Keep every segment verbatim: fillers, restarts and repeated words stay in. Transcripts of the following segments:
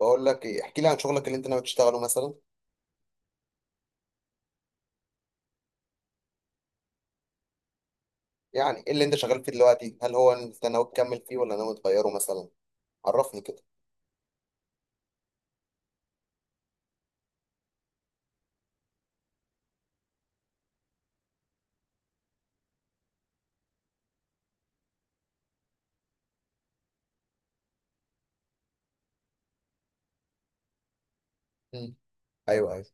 بقول لك ايه، احكي لي عن شغلك اللي انت ناوي تشتغله مثلا. يعني ايه اللي انت شغال فيه دلوقتي، هل هو انت ناوي تكمل فيه ولا ناوي تغيره مثلا؟ عرفني كده. مم. ايوه ايوه.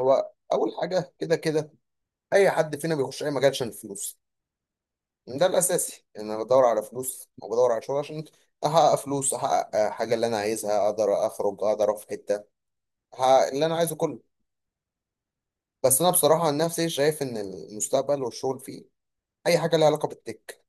هو اول حاجه كده كده اي حد فينا بيخش اي مجال عشان الفلوس. ده الاساسي، ان انا بدور على فلوس وبدور على شغل عشان احقق فلوس، احقق آه، حاجه اللي انا عايزها، اقدر اخرج اقدر اروح في حته، احقق اللي انا عايزه كله. بس انا بصراحه عن نفسي شايف ان المستقبل والشغل فيه اي حاجه لها علاقه بالتك.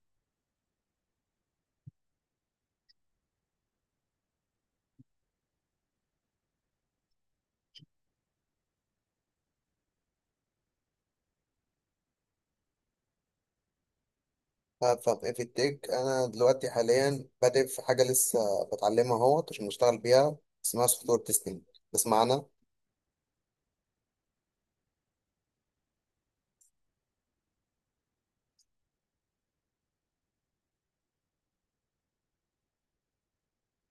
ففي التك انا دلوقتي حاليا بادئ في حاجه لسه بتعلمها اهوت عشان اشتغل بيها، اسمها سوفت وير تيستنج. بسمعنا.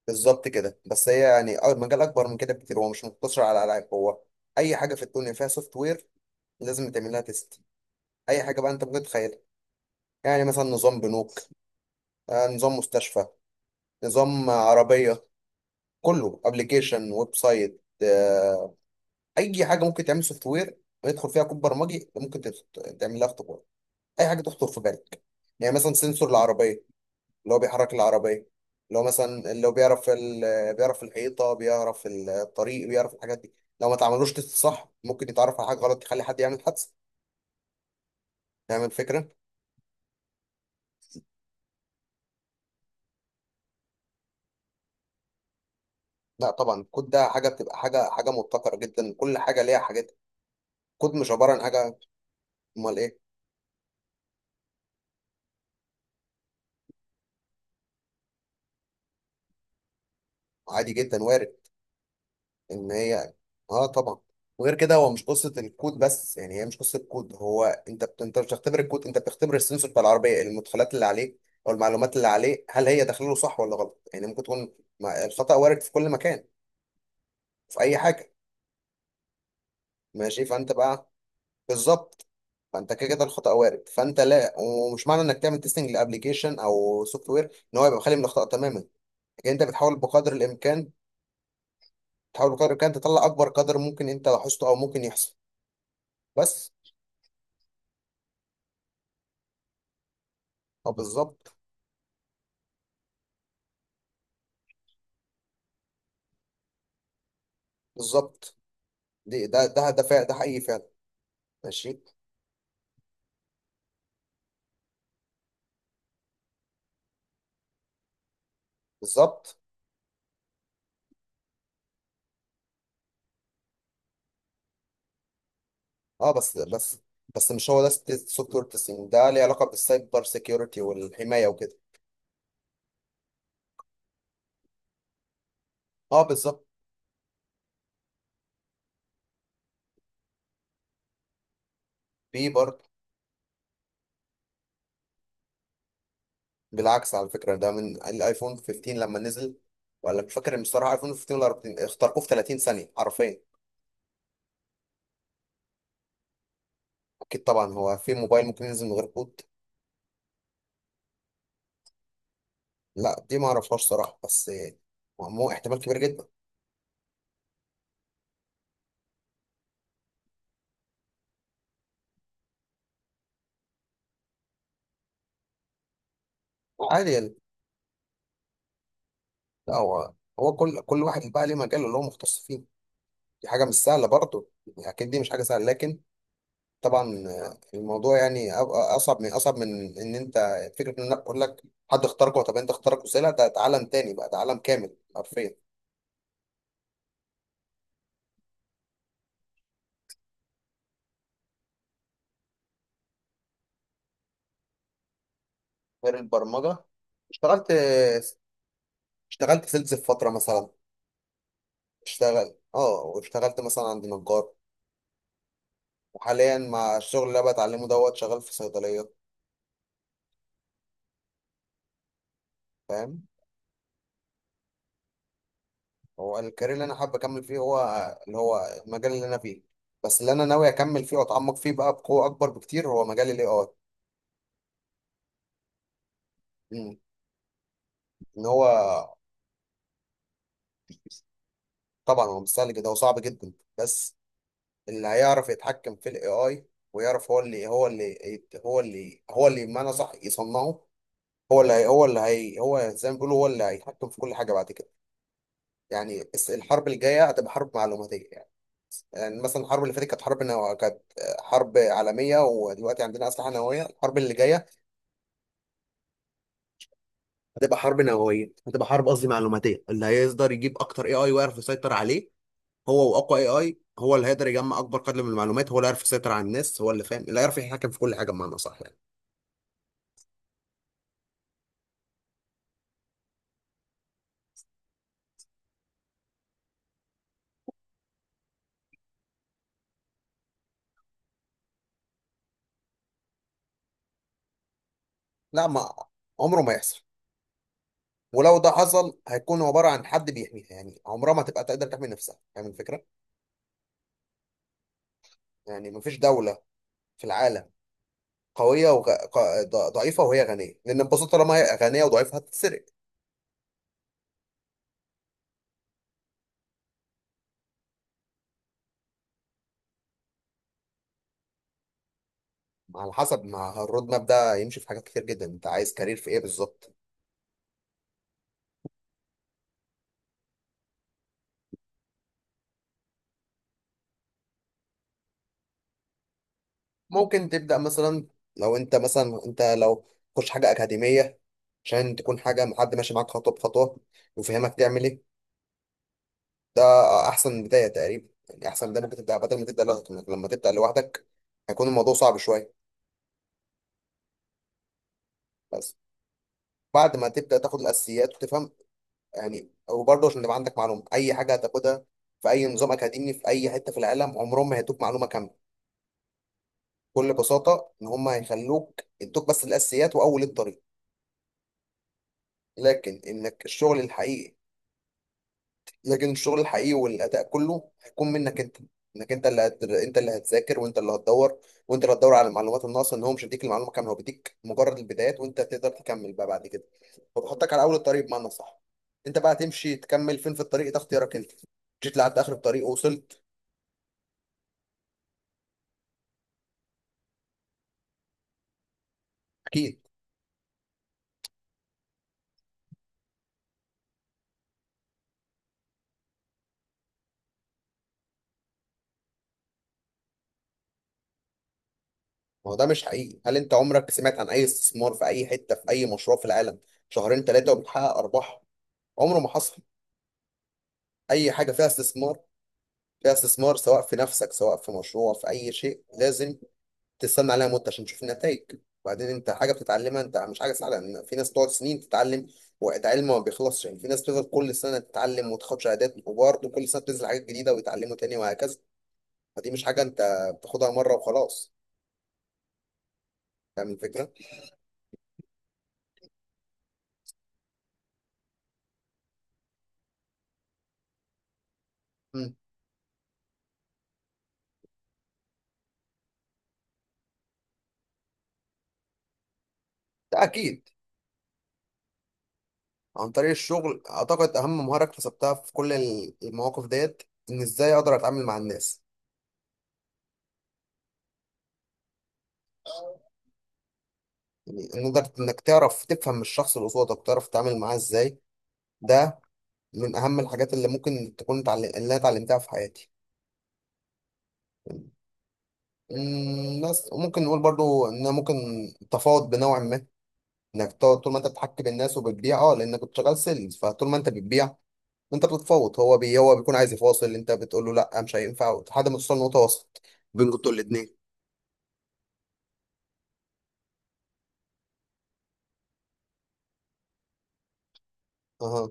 بالظبط كده، بس هي يعني أه، المجال اكبر من كده بكتير، هو مش مقتصر على العاب، هو اي حاجه في الدنيا فيها سوفت وير لازم تعمل لها تيست. اي حاجه بقى انت ممكن تتخيلها، يعني مثلا نظام بنوك، آه، نظام مستشفى، نظام عربيه، كله ابلكيشن، ويب سايت، آه، اي حاجه ممكن تعمل سوفت وير ويدخل فيها كود برمجي ممكن تت- تعمل لها. اي حاجه تخطر في بالك، يعني مثلا سنسور العربيه اللي هو بيحرك العربيه، اللي هو مثلا اللي هو بيعرف ال- بيعرف الحيطه، بيعرف الطريق، بيعرف الحاجات دي. لو ما تعملوش تست صح ممكن يتعرف على حاجه غلط تخلي حد يعمل حادثه. نعمل فكره. لا طبعا، الكود ده حاجه بتبقى حاجه حاجه مبتكره جدا، كل حاجه ليها حاجات. كود مش عباره عن حاجه. امال ايه؟ عادي جدا، وارد ان هي. اه طبعا. وغير كده هو مش قصه الكود بس، يعني هي مش قصه كود، هو انت بت... انت مش بتختبر الكود، انت بتختبر السنسور بتاع العربيه، المدخلات اللي عليه او المعلومات اللي عليه، هل هي داخله له صح ولا غلط. يعني ممكن تكون ما- الخطا وارد في كل مكان، في اي حاجه. ماشي، فانت بقى، بالظبط، فانت كده كده الخطا وارد. فانت لا، ومش معنى انك تعمل تيستنج لابلكيشن او سوفت وير ان هو يبقى خالي من الاخطاء تماما، لكن انت بتحاول بقدر الامكان، تحاول بقدر الامكان تطلع اكبر قدر ممكن انت لاحظته او ممكن يحصل. بس اه بالظبط. بالظبط، دي ده ده ده فعلا، ده حقيقي فعلا. ماشي. بالظبط. اه بس بس بس مش هو ده السوفت وير تيستنج، ده ليه علاقه بالسايبر سيكيورتي والحمايه وكده. اه بالظبط. في برضه. بالعكس، على فكره ده من الايفون خمستاشر لما نزل، ولا مش فاكر بصراحه، ايفون خمسة عشر ولا اربعتاشر اخترقوه في 30 ثانيه حرفيا. اكيد طبعا، هو في موبايل ممكن ينزل من غير كود؟ لا دي ما اعرفهاش صراحه، بس آه، مو احتمال كبير جدا. عادي يعني. لا هو، هو كل كل واحد بقى ليه مجاله اللي هو مختص فيه، دي حاجة مش سهلة برضه. يعني أكيد دي مش حاجة سهلة، لكن طبعا، آه، الموضوع يعني أ- أ- أصعب من أصعب من إن أنت فكرة إن أنا أقول لك حد اختارك. طب أنت اختارك وسيلة، ده ده عالم تاني بقى، ده عالم كامل حرفيا. غير البرمجة، اشتغلت، اشتغلت سيلز في فترة مثلا، اشتغل اه، واشتغلت مثلا عند نجار، وحاليا مع الشغل اللي أنا بتعلمه دوت، شغال في صيدلية. فاهم. هو الكارير اللي انا حابب اكمل فيه هو اللي هو المجال اللي انا فيه، بس اللي انا ناوي اكمل فيه واتعمق فيه بقى بقوه اكبر بكتير هو مجال الاي اي. ان هو. طبعا هو مش سهل كده وصعب جدا، بس اللي هيعرف يتحكم في الاي اي ويعرف هو اللي هو اللي يت- هو اللي هو اللي بمعنى صح يصنعه، هو اللي هي هو اللي هي هو زي ما بيقولوا هو اللي هيتحكم في كل حاجه بعد كده. يعني الس- الحرب الجايه هتبقى حرب معلوماتيه. يعني مثلا الحرب اللي فاتت كانت حرب نو... كانت حرب عالمية، ودلوقتي عندنا أسلحة نووية. الحرب اللي جاية هتبقى حرب نووية، هتبقى حرب، قصدي معلوماتية. اللي هيقدر يجيب أكتر اي اي ويعرف يسيطر عليه هو، وأقوى اي اي هو اللي هيقدر يجمع أكبر قدر من المعلومات، هو اللي يعرف يسيطر على الناس، هو اللي فاهم، اللي يعرف يتحكم في كل حاجة بمعنى صح يعني. لا ما عمره ما يحصل. ولو ده حصل هيكون عبارة عن حد بيحميها، يعني عمرها ما تبقى تقدر تحمي نفسها. فاهم الفكرة؟ يعني مفيش دولة في العالم قوية وغ... ق- ض- ضعيفة وهي غنية، لأن البساطة طالما هي غنية وضعيفة هتتسرق. على حسب ما الرود ماب ده يمشي، في حاجات كتير جدا، أنت عايز كارير في إيه بالظبط؟ ممكن تبدأ مثلا، لو أنت مثلا أنت لو تخش حاجة أكاديمية عشان تكون حاجة مع حد ماشي معاك خطوة بخطوة ويفهمك تعمل إيه، ده أحسن بداية تقريبا. يعني أحسن بداية ممكن تبدأ، بدل ما تبدأ لوحدك، لما تبدأ لوحدك هيكون الموضوع صعب شوية. بس بعد ما تبدأ تاخد الأساسيات وتفهم، يعني وبرضه عشان تبقى عندك معلومه، اي حاجه هتاخدها في اي نظام اكاديمي في اي حته في العالم، عمرهم ما هيدوك معلومه كامله، بكل بساطه ان هم هيخلوك يدوك بس الاساسيات واول الطريق، لكن انك الشغل الحقيقي، لكن الشغل الحقيقي والاداء كله هيكون منك انت. انك انت اللي هت... انت اللي هتذاكر، وانت اللي هتدور، وانت اللي هتدور على المعلومات الناقصه، ان هو مش هيديك المعلومه كامله، هو بيديك مجرد البدايات وانت تقدر تكمل بقى بعد كده. هو بيحطك على اول الطريق بمعنى صح، انت بقى تمشي تكمل فين في الطريق، ده اختيارك انت. جيت لحد اخر الطريق ووصلت. اكيد. ما هو ده مش حقيقي، هل انت عمرك سمعت عن اي استثمار في اي حته في اي مشروع في العالم شهرين ثلاثه وبتحقق ارباح؟ عمره ما حصل. اي حاجه فيها استثمار، فيها استثمار، سواء في نفسك سواء في مشروع في اي شيء، لازم تستنى عليها مده عشان تشوف النتائج. وبعدين انت حاجه بتتعلمها، انت مش حاجه سهله ان في ناس بتقعد سنين تتعلم، وقت علم ما بيخلصش، يعني في ناس بتفضل كل سنه تتعلم وتاخد شهادات، وبرضه كل سنه بتنزل حاجات جديده ويتعلموا تاني وهكذا. فدي مش حاجه انت بتاخدها مره وخلاص. فاهم الفكره؟ مم. ده اكيد. عن طريق الشغل اعتقد اهم مهاره اكتسبتها في كل ال- المواقف ديت ان ازاي اقدر اتعامل مع الناس. يعني إن قدرت انك تعرف تفهم الشخص اللي قصادك، تعرف تتعامل معاه ازاي، ده من اهم الحاجات اللي ممكن تكون اتعلم... اللي انا اتعلمتها في حياتي. أمم، بس وممكن نقول برضو ان أنا ممكن تفاوض بنوع ما، انك تقعد طول ما انت بتحكي بالناس وبتبيع، اه لانك كنت شغال سيلز، فطول ما انت بتبيع انت بتتفاوض. هو بي... هو بيكون عايز يفاصل، انت بتقول له لا مش هينفع لحد ما توصل لنقطه وسط بينكم انتوا الاثنين. اها.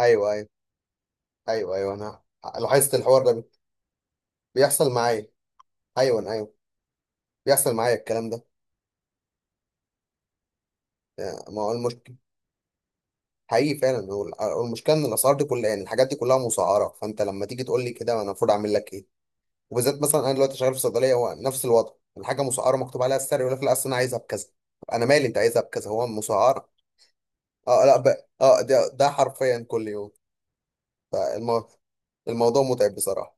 ايوه ايوه. ايوه ايوه، انا لاحظت الحوار ده بيحصل معايا. ايوه ايوه، بيحصل معايا الكلام ده. يعني ما هو المشكله، حقيقي فعلا. هو ال- هو المشكله ان الاسعار دي كلها، يعني الحاجات دي كلها مسعره، فانت لما تيجي تقول لي كده انا المفروض اعمل لك ايه؟ وبالذات مثلا انا دلوقتي شغال في صيدليه، هو نفس الوضع، الحاجه مسعره، مكتوب عليها السعر، يقول لك لا اصل انا عايزها بكذا. طب انا مالي انت عايزها بكذا، هو مسعره. اه لا ب... اه ده ده حرفيا كل يوم. فالموضوع، الموضوع متعب بصراحه.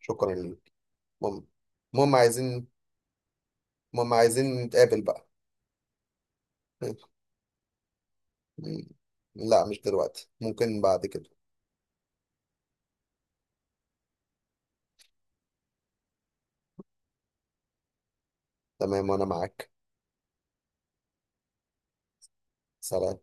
شكرا ليك. المهم، المهم عايزين المهم عايزين نتقابل بقى. مم. لا مش دلوقتي، ممكن بعد كده. تمام وانا معاك. سلام.